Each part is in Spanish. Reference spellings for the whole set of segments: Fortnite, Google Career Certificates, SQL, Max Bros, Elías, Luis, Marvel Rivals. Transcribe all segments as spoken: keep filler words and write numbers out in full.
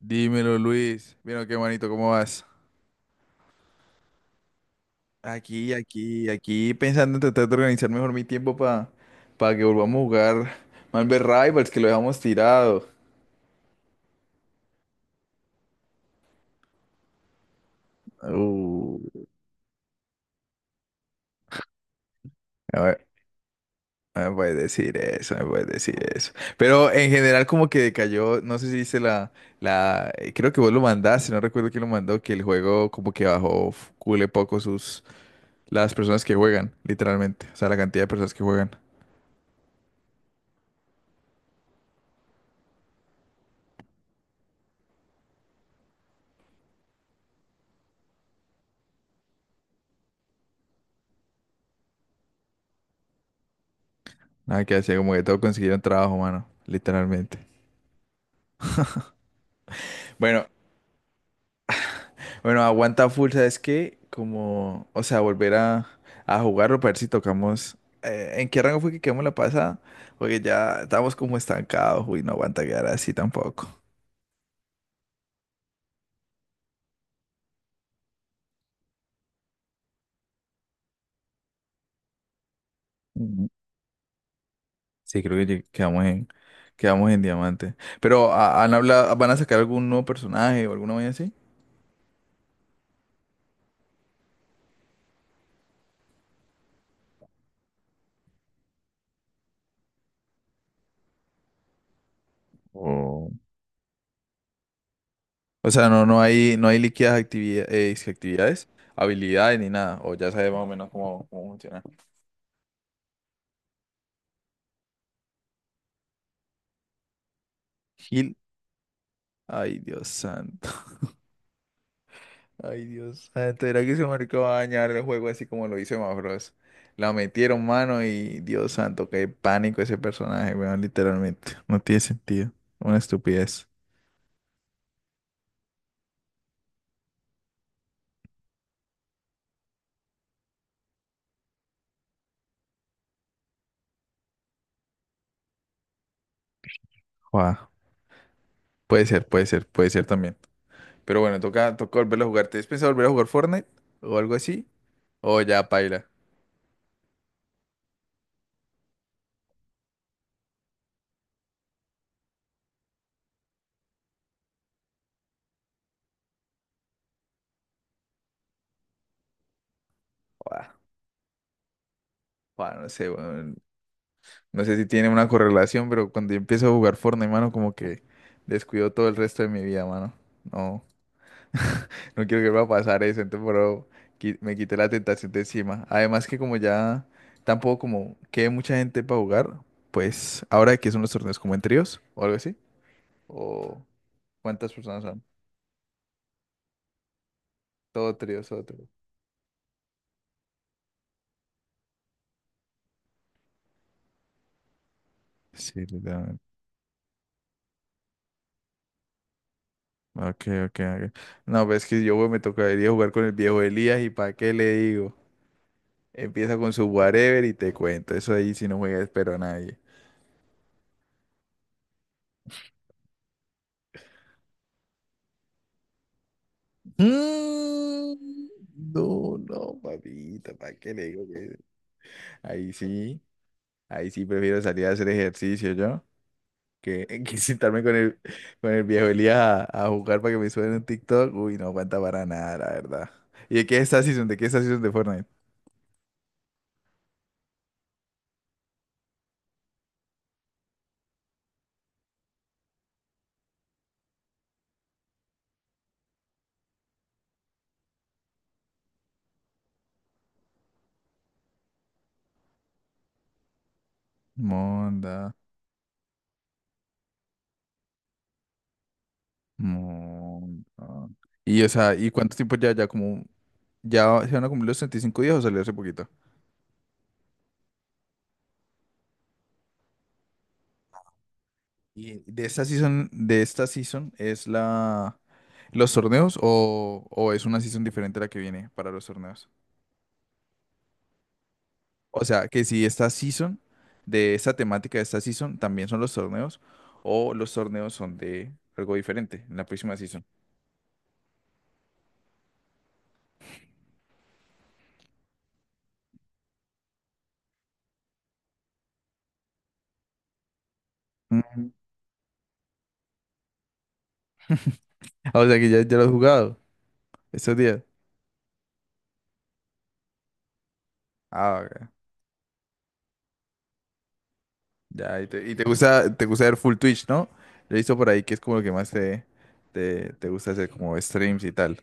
Dímelo, Luis. Mira, qué manito, ¿cómo vas? Aquí, aquí, aquí, pensando en tratar de organizar mejor mi tiempo para que volvamos a jugar Marvel Rivals, que lo dejamos tirado. Uh, a ver, no me puedes decir eso, no me puedes decir eso. Pero en general como que decayó, no sé si dice la, la, eh, creo que vos lo mandaste, no recuerdo quién lo mandó, que el juego como que bajó f- cule poco sus, las personas que juegan, literalmente. O sea, la cantidad de personas que juegan. Nada que hacer, como que todos consiguieron trabajo, mano, literalmente. Bueno, bueno, aguanta full, ¿sabes qué? Como, o sea, volver a, a jugarlo para ver si tocamos. Eh, ¿en qué rango fue que quedamos la pasada? Porque ya estamos como estancados, uy, no aguanta quedar así tampoco. Ujú. Sí, creo que lleg- quedamos en, quedamos en diamante. Pero ¿ha- han hablado, ¿van a sacar algún nuevo personaje o alguna vaina así? O, o sea, no, no hay, no hay líquidas actividad- eh, dizque actividades, habilidades ni nada. O ya sabes más o menos cómo, cómo funciona. Gil, ay, Dios santo. Ay, Dios. Antes era que ese marica va a dañar el juego así como lo hizo Max Bros. La metieron mano y Dios santo, qué pánico ese personaje, weón, literalmente. No tiene sentido. Una estupidez. Guau. Puede ser, puede ser, puede ser también. Pero bueno, toca, toca volverlo a jugar. ¿Te has pensado volver a jugar Fortnite? ¿O algo así? O ya, paila. Guau, guau, no sé, weón. No sé si tiene una correlación, pero cuando yo empiezo a jugar Fortnite, mano, como que descuido todo el resto de mi vida, mano. No. No quiero que me va a pasar eso, entonces pero qui- me quité la tentación de encima. Además que como ya tampoco como quede mucha gente para jugar, pues ahora que son los torneos como en tríos o algo así, o cuántas personas son, todo tríos, todo tríos. Sí, literalmente. Ok, ok, ok. No, pues es que yo güey, me tocaría jugar con el viejo Elías y para qué le digo. Empieza con su whatever y te cuento. Eso ahí si no juega espero a nadie. Mm. No, no, papita, ¿para qué le digo que ahí sí, ahí sí prefiero salir a hacer ejercicio yo que, que sentarme con el, con el viejo Elías a, a jugar para que me suene un TikTok. Uy, no aguanta para nada, la verdad. ¿Y de qué es esta season? ¿De qué es esta season de Fortnite? Monda, monda. Y o sea, ¿y cuánto tiempo ya? Ya como, ya se van a cumplir los treinta y cinco días o salió hace poquito. Y de esta season, de esta season es la los torneos o, o es una season diferente a la que viene para los torneos. O sea, que si esta season, de esta temática de esta season, también son los torneos, o los torneos son de algo diferente en la próxima season. Mm. Ah, o sea, que ya, ya lo has jugado estos días. Ah, ok. Ya, y te, y te gusta, te gusta ver full Twitch, ¿no? Yo he visto por ahí que es como lo que más te, te, te gusta hacer, como streams y tal.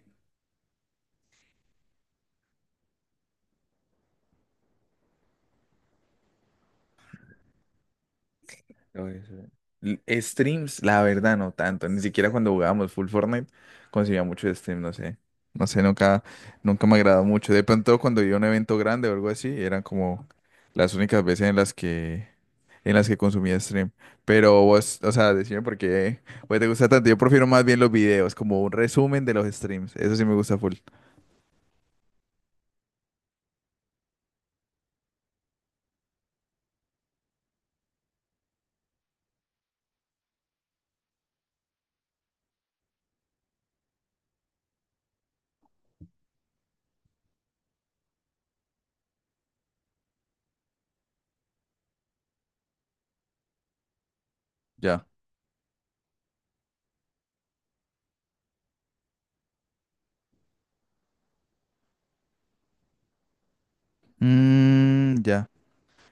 Lo voy a hacer. L- Streams, la verdad, no tanto. Ni siquiera cuando jugábamos full Fortnite conseguía mucho de stream, no sé. No sé, nunca, nunca me agradó mucho. De pronto cuando iba a un evento grande o algo así, eran como las únicas veces en las que, en las que consumía stream. Pero vos, o sea, decime por qué güey, te gusta tanto. Yo prefiero más bien los videos, como un resumen de los streams. Eso sí me gusta full. Ya. Mm, ya.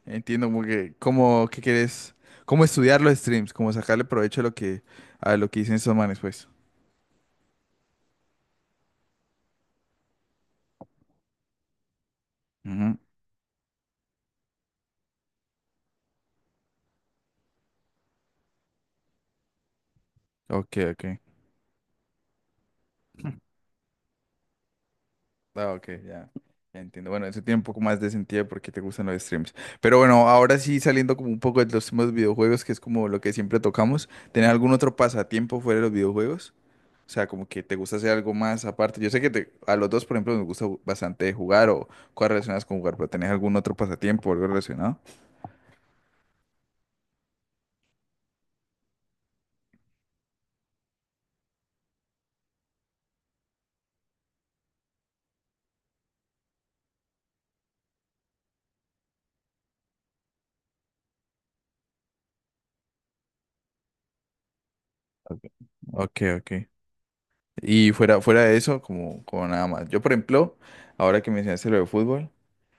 Entiendo como que cómo qué quieres, cómo estudiar los streams, cómo sacarle provecho a lo que a lo que dicen esos manes, pues. Ujú. Ok, ok. Ah, ok, ya. Ya entiendo. Bueno, eso tiene un poco más de sentido porque te gustan los streams. Pero bueno, ahora sí saliendo como un poco de los temas de videojuegos, que es como lo que siempre tocamos, ¿tener algún otro pasatiempo fuera de los videojuegos? O sea, como que te gusta hacer algo más aparte. Yo sé que te- a los dos, por ejemplo, nos gusta bastante jugar o cosas relacionadas con jugar, pero ¿tenés algún otro pasatiempo o algo relacionado? Ok, ok, ok. Y fuera, fuera de eso, como, como nada más. Yo, por ejemplo, ahora que mencionaste lo de fútbol,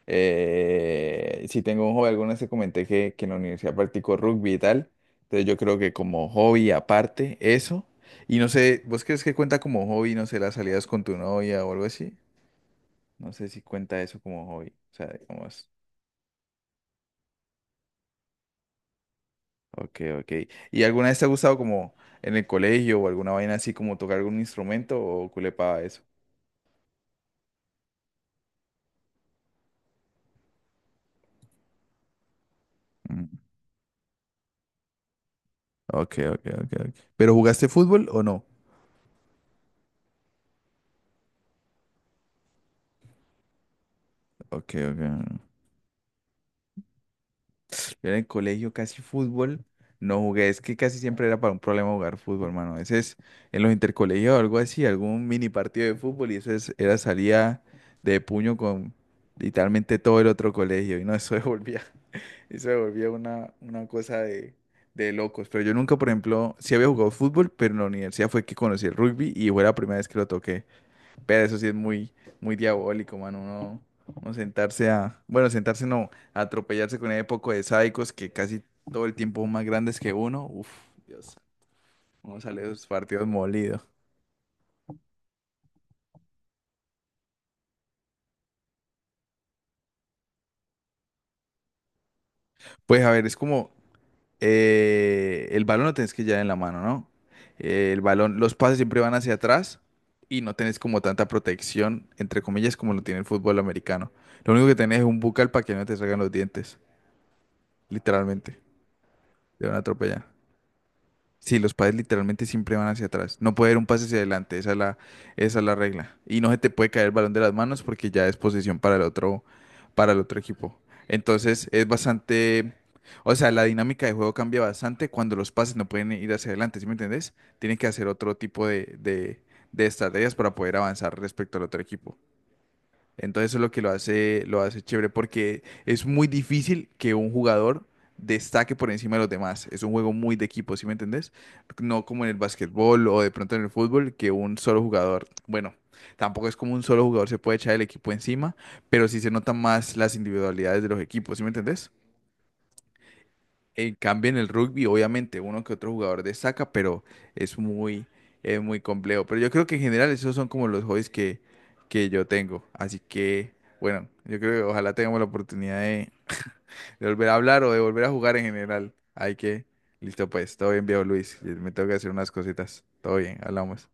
eh, si tengo un hobby, alguna vez te comenté que, que en la universidad practico rugby y tal. Entonces yo creo que como hobby aparte, eso. Y no sé, ¿vos crees que cuenta como hobby, no sé, las salidas con tu novia o algo así? No sé si cuenta eso como hobby. O sea, digamos, ok, ok. ¿Y alguna vez te ha gustado como en el colegio o alguna vaina así como tocar algún instrumento o culepaba eso? Mm. Ok, ok, ok, ok. ¿Pero jugaste fútbol o no? Ok, ok. Yo en el colegio casi fútbol no jugué. Es que casi siempre era para un problema jugar fútbol, hermano. A veces en los intercolegios o algo así, algún mini partido de fútbol y eso es- era salía de puño con literalmente todo el otro colegio. Y no, eso se volvía, eso se volvía una, una cosa de, de locos. Pero yo nunca, por ejemplo, sí había jugado fútbol, pero en la universidad fue que conocí el rugby y fue la primera vez que lo toqué. Pero eso sí es muy, muy diabólico, mano. Uno, uno sentarse a, bueno, sentarse no, a atropellarse con ese poco de sádicos que casi todo el tiempo son más grandes que uno. Uf, Dios, uno sale de esos partidos molido. Pues a ver, es como eh, el balón lo tenés que llevar en la mano, ¿no? Eh, el balón, los pases siempre van hacia atrás y no tenés como tanta protección, entre comillas, como lo tiene el fútbol americano. Lo único que tenés es un bucal para que no te salgan los dientes, literalmente. Te van a atropellar. Sí, los pases literalmente siempre van hacia atrás. No puede haber un pase hacia adelante, esa es la, esa es la regla. Y no se te puede caer el balón de las manos porque ya es posesión para el otro, para el otro equipo. Entonces es bastante, o sea, la dinámica de juego cambia bastante cuando los pases no pueden ir hacia adelante, ¿sí me entendés? Tienen que hacer otro tipo de, de, de estrategias para poder avanzar respecto al otro equipo. Entonces eso es lo que lo hace, lo hace chévere, porque es muy difícil que un jugador destaque por encima de los demás. Es un juego muy de equipo, ¿sí me entendés? No como en el básquetbol o de pronto en el fútbol, que un solo jugador, bueno, tampoco es como un solo jugador se puede echar el equipo encima, pero sí se notan más las individualidades de los equipos, ¿sí me entendés? En cambio, en el rugby, obviamente, uno que otro jugador destaca, pero es muy, es muy complejo. Pero yo creo que en general esos son como los hobbies que, que yo tengo. Así que, bueno, yo creo que ojalá tengamos la oportunidad de, de volver a hablar o de volver a jugar en general. Hay que, listo pues, todo bien, viejo Luis. Me tengo que hacer unas cositas. Todo bien, hablamos.